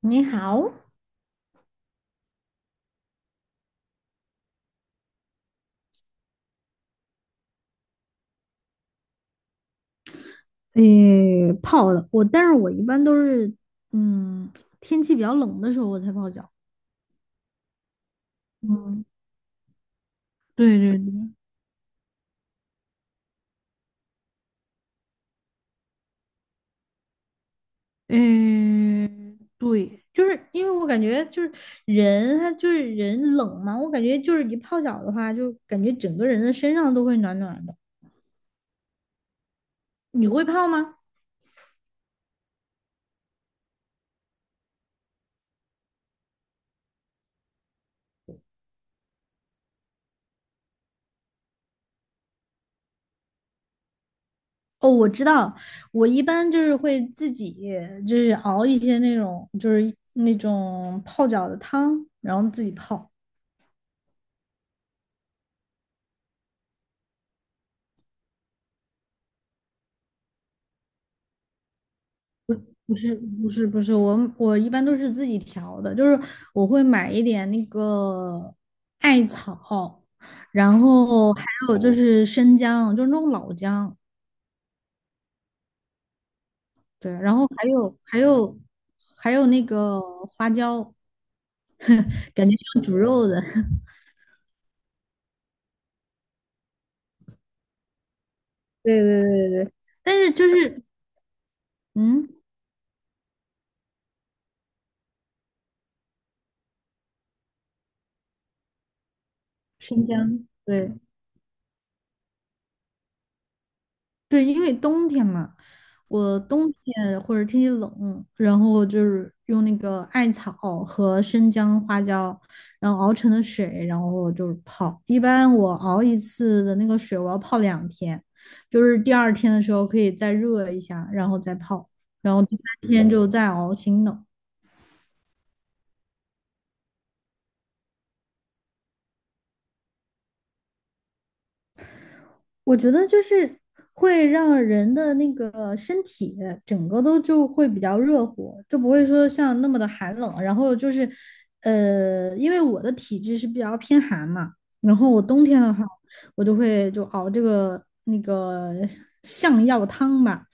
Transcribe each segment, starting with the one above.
你好，诶，泡的我，但是我一般都是，嗯，天气比较冷的时候我才泡脚。嗯，对对对，就是因为我感觉就是人，他就是人冷嘛，我感觉就是一泡脚的话，就感觉整个人的身上都会暖暖的。你会泡吗？哦，我知道，我一般就是会自己就是熬一些那种就是那种泡脚的汤，然后自己泡。不是不是不是，我一般都是自己调的，就是我会买一点那个艾草，然后还有就哦是生姜，就是那种老姜，对，然后还有还有那个花椒，感觉像煮肉的，对对对对对，但是就是嗯，生姜，对，对，因为冬天嘛，我冬天或者天气冷，然后就是用那个艾草和生姜、花椒，然后熬成的水，然后就是泡。一般我熬一次的那个水，我要泡两天，就是第二天的时候可以再热一下，然后再泡，然后第三天就再熬新的。我觉得就是会让人的那个身体整个都就会比较热乎，就不会说像那么的寒冷。然后就是，因为我的体质是比较偏寒嘛，然后我冬天的话，我就会就熬这个那个象药汤吧。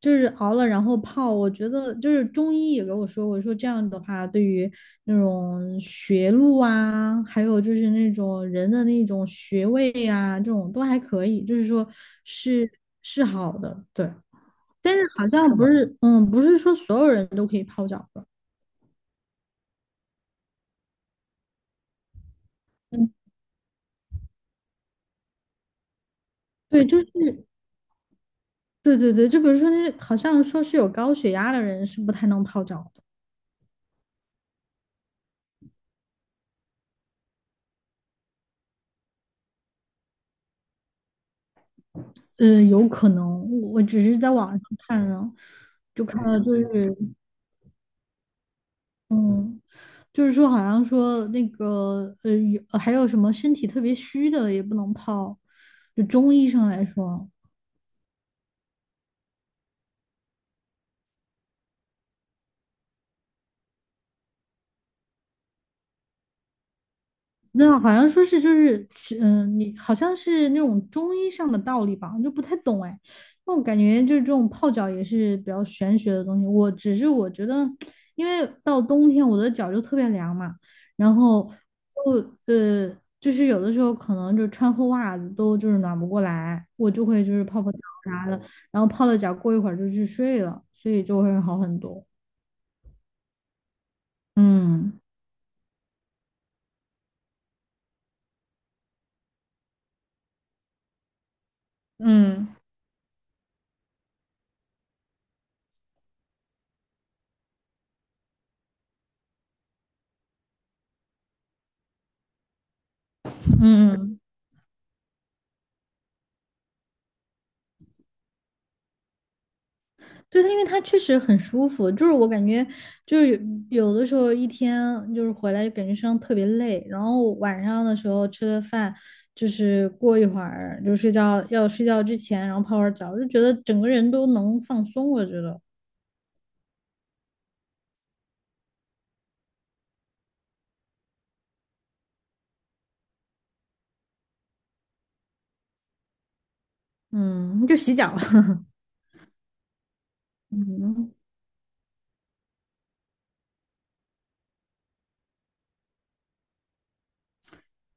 就是熬了然后泡，我觉得就是中医也给我说过，说这样的话对于那种学路啊，还有就是那种人的那种穴位啊，这种都还可以，就是说是是好的，对。但是好像不是，嗯，不是说所有人都可以泡脚的，嗯，对，就是对对对，就比如说那好像说是有高血压的人是不太能泡脚的，有可能，我只是在网上看啊，就看到就是嗯。就是说好像说那个有还有什么身体特别虚的也不能泡，就中医上来说，那好像说是就是嗯，你好像是那种中医上的道理吧，我就不太懂哎。那我感觉就是这种泡脚也是比较玄学的东西。我只是我觉得，因为到冬天我的脚就特别凉嘛，然后就就是有的时候可能就穿厚袜子都就是暖不过来，我就会就是泡泡脚啥的，然后泡了脚过一会儿就去睡了，所以就会好很多。嗯嗯嗯。嗯对它，因为它确实很舒服，就是我感觉，就是有的时候一天就是回来就感觉身上特别累，然后晚上的时候吃了饭，就是过一会儿就睡觉，要睡觉之前，然后泡会儿澡，就觉得整个人都能放松。我觉得，嗯，就洗脚，嗯，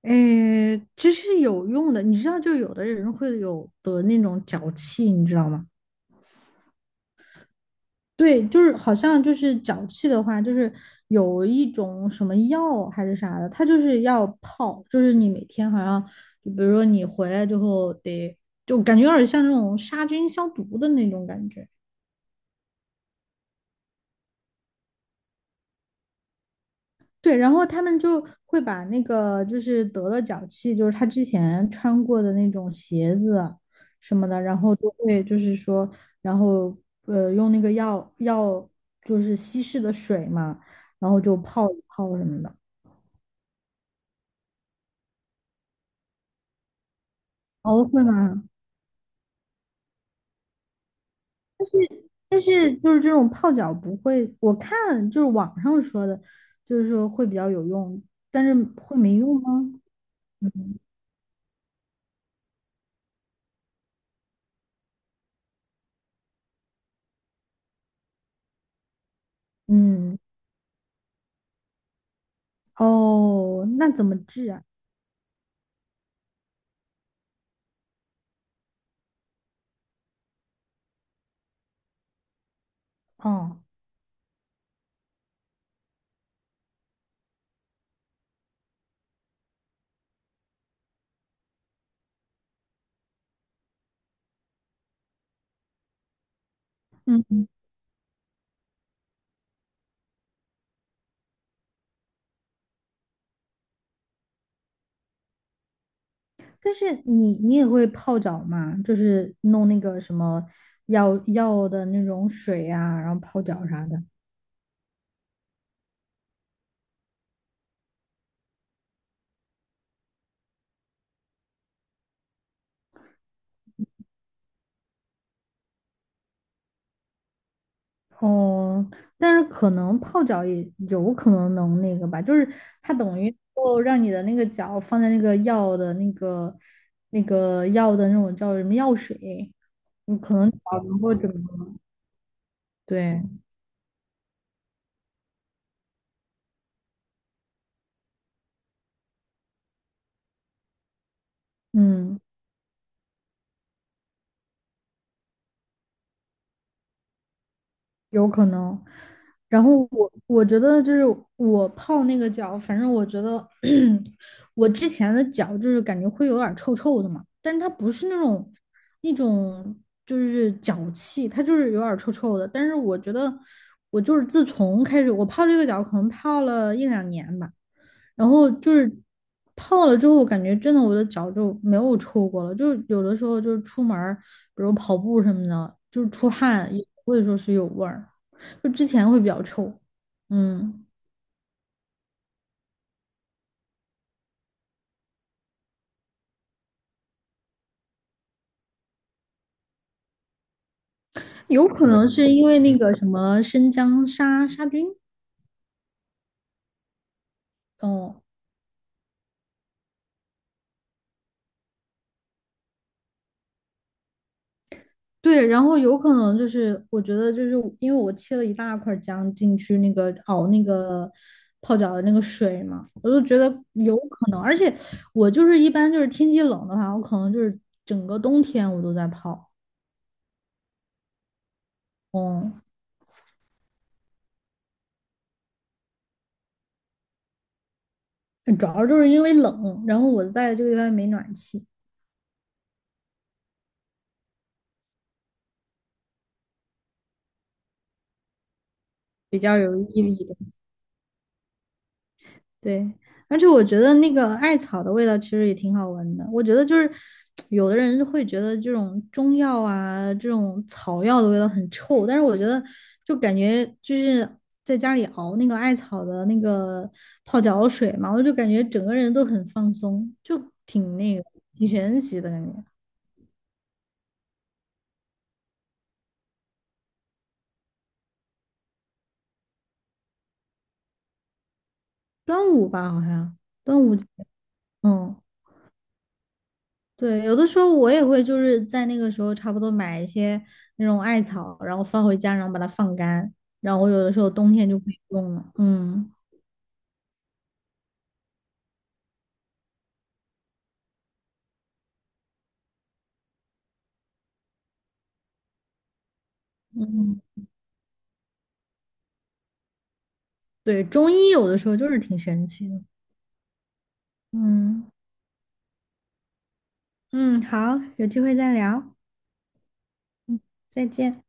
诶，其实有用的，你知道，就有的人会有得那种脚气，你知道吗？对，就是好像就是脚气的话，就是有一种什么药还是啥的，它就是要泡，就是你每天好像，就比如说你回来之后得，就感觉有点像那种杀菌消毒的那种感觉。对，然后他们就会把那个就是得了脚气，就是他之前穿过的那种鞋子什么的，然后都会就是说，然后用那个药就是稀释的水嘛，然后就泡一泡什么的。哦，会吗？但是就是这种泡脚不会，我看就是网上说的，就是说会比较有用，但是会没用吗？嗯嗯，哦，那怎么治啊？哦，嗯，但是你也会泡脚吗？就是弄那个什么药的那种水啊，然后泡脚啥的。哦，但是可能泡脚也有可能能那个吧，就是它等于让你的那个脚放在那个药的那个那个药的那种叫什么药水，你可能脚能够怎么对，嗯。有可能。然后我觉得就是我泡那个脚，反正我觉得 我之前的脚就是感觉会有点儿臭臭的嘛，但是它不是那种那种就是脚气，它就是有点儿臭臭的。但是我觉得我就是自从开始我泡这个脚，可能泡了一两年吧。然后就是泡了之后，我感觉真的我的脚就没有臭过了，就是有的时候就是出门儿，比如跑步什么的，就是出汗也不会说是有味儿，就之前会比较臭，嗯，有可能是因为那个什么生姜杀菌，哦，对，然后有可能就是我觉得就是因为我切了一大块姜进去那个熬那个泡脚的那个水嘛，我就觉得有可能，而且我就是一般就是天气冷的话，我可能就是整个冬天我都在泡，嗯，主要就是因为冷，然后我在这个地方没暖气，比较有毅力的。对，而且我觉得那个艾草的味道其实也挺好闻的。我觉得就是有的人会觉得这种中药啊，这种草药的味道很臭，但是我觉得就感觉就是在家里熬那个艾草的那个泡脚水嘛，我就感觉整个人都很放松，就挺那个挺神奇的感觉。端午吧，好像端午，嗯。对，有的时候我也会就是在那个时候差不多买一些那种艾草，然后放回家，然后把它放干，然后我有的时候冬天就可以用了。嗯嗯，对，中医有的时候就是挺神奇的。嗯嗯，好，有机会再聊，再见。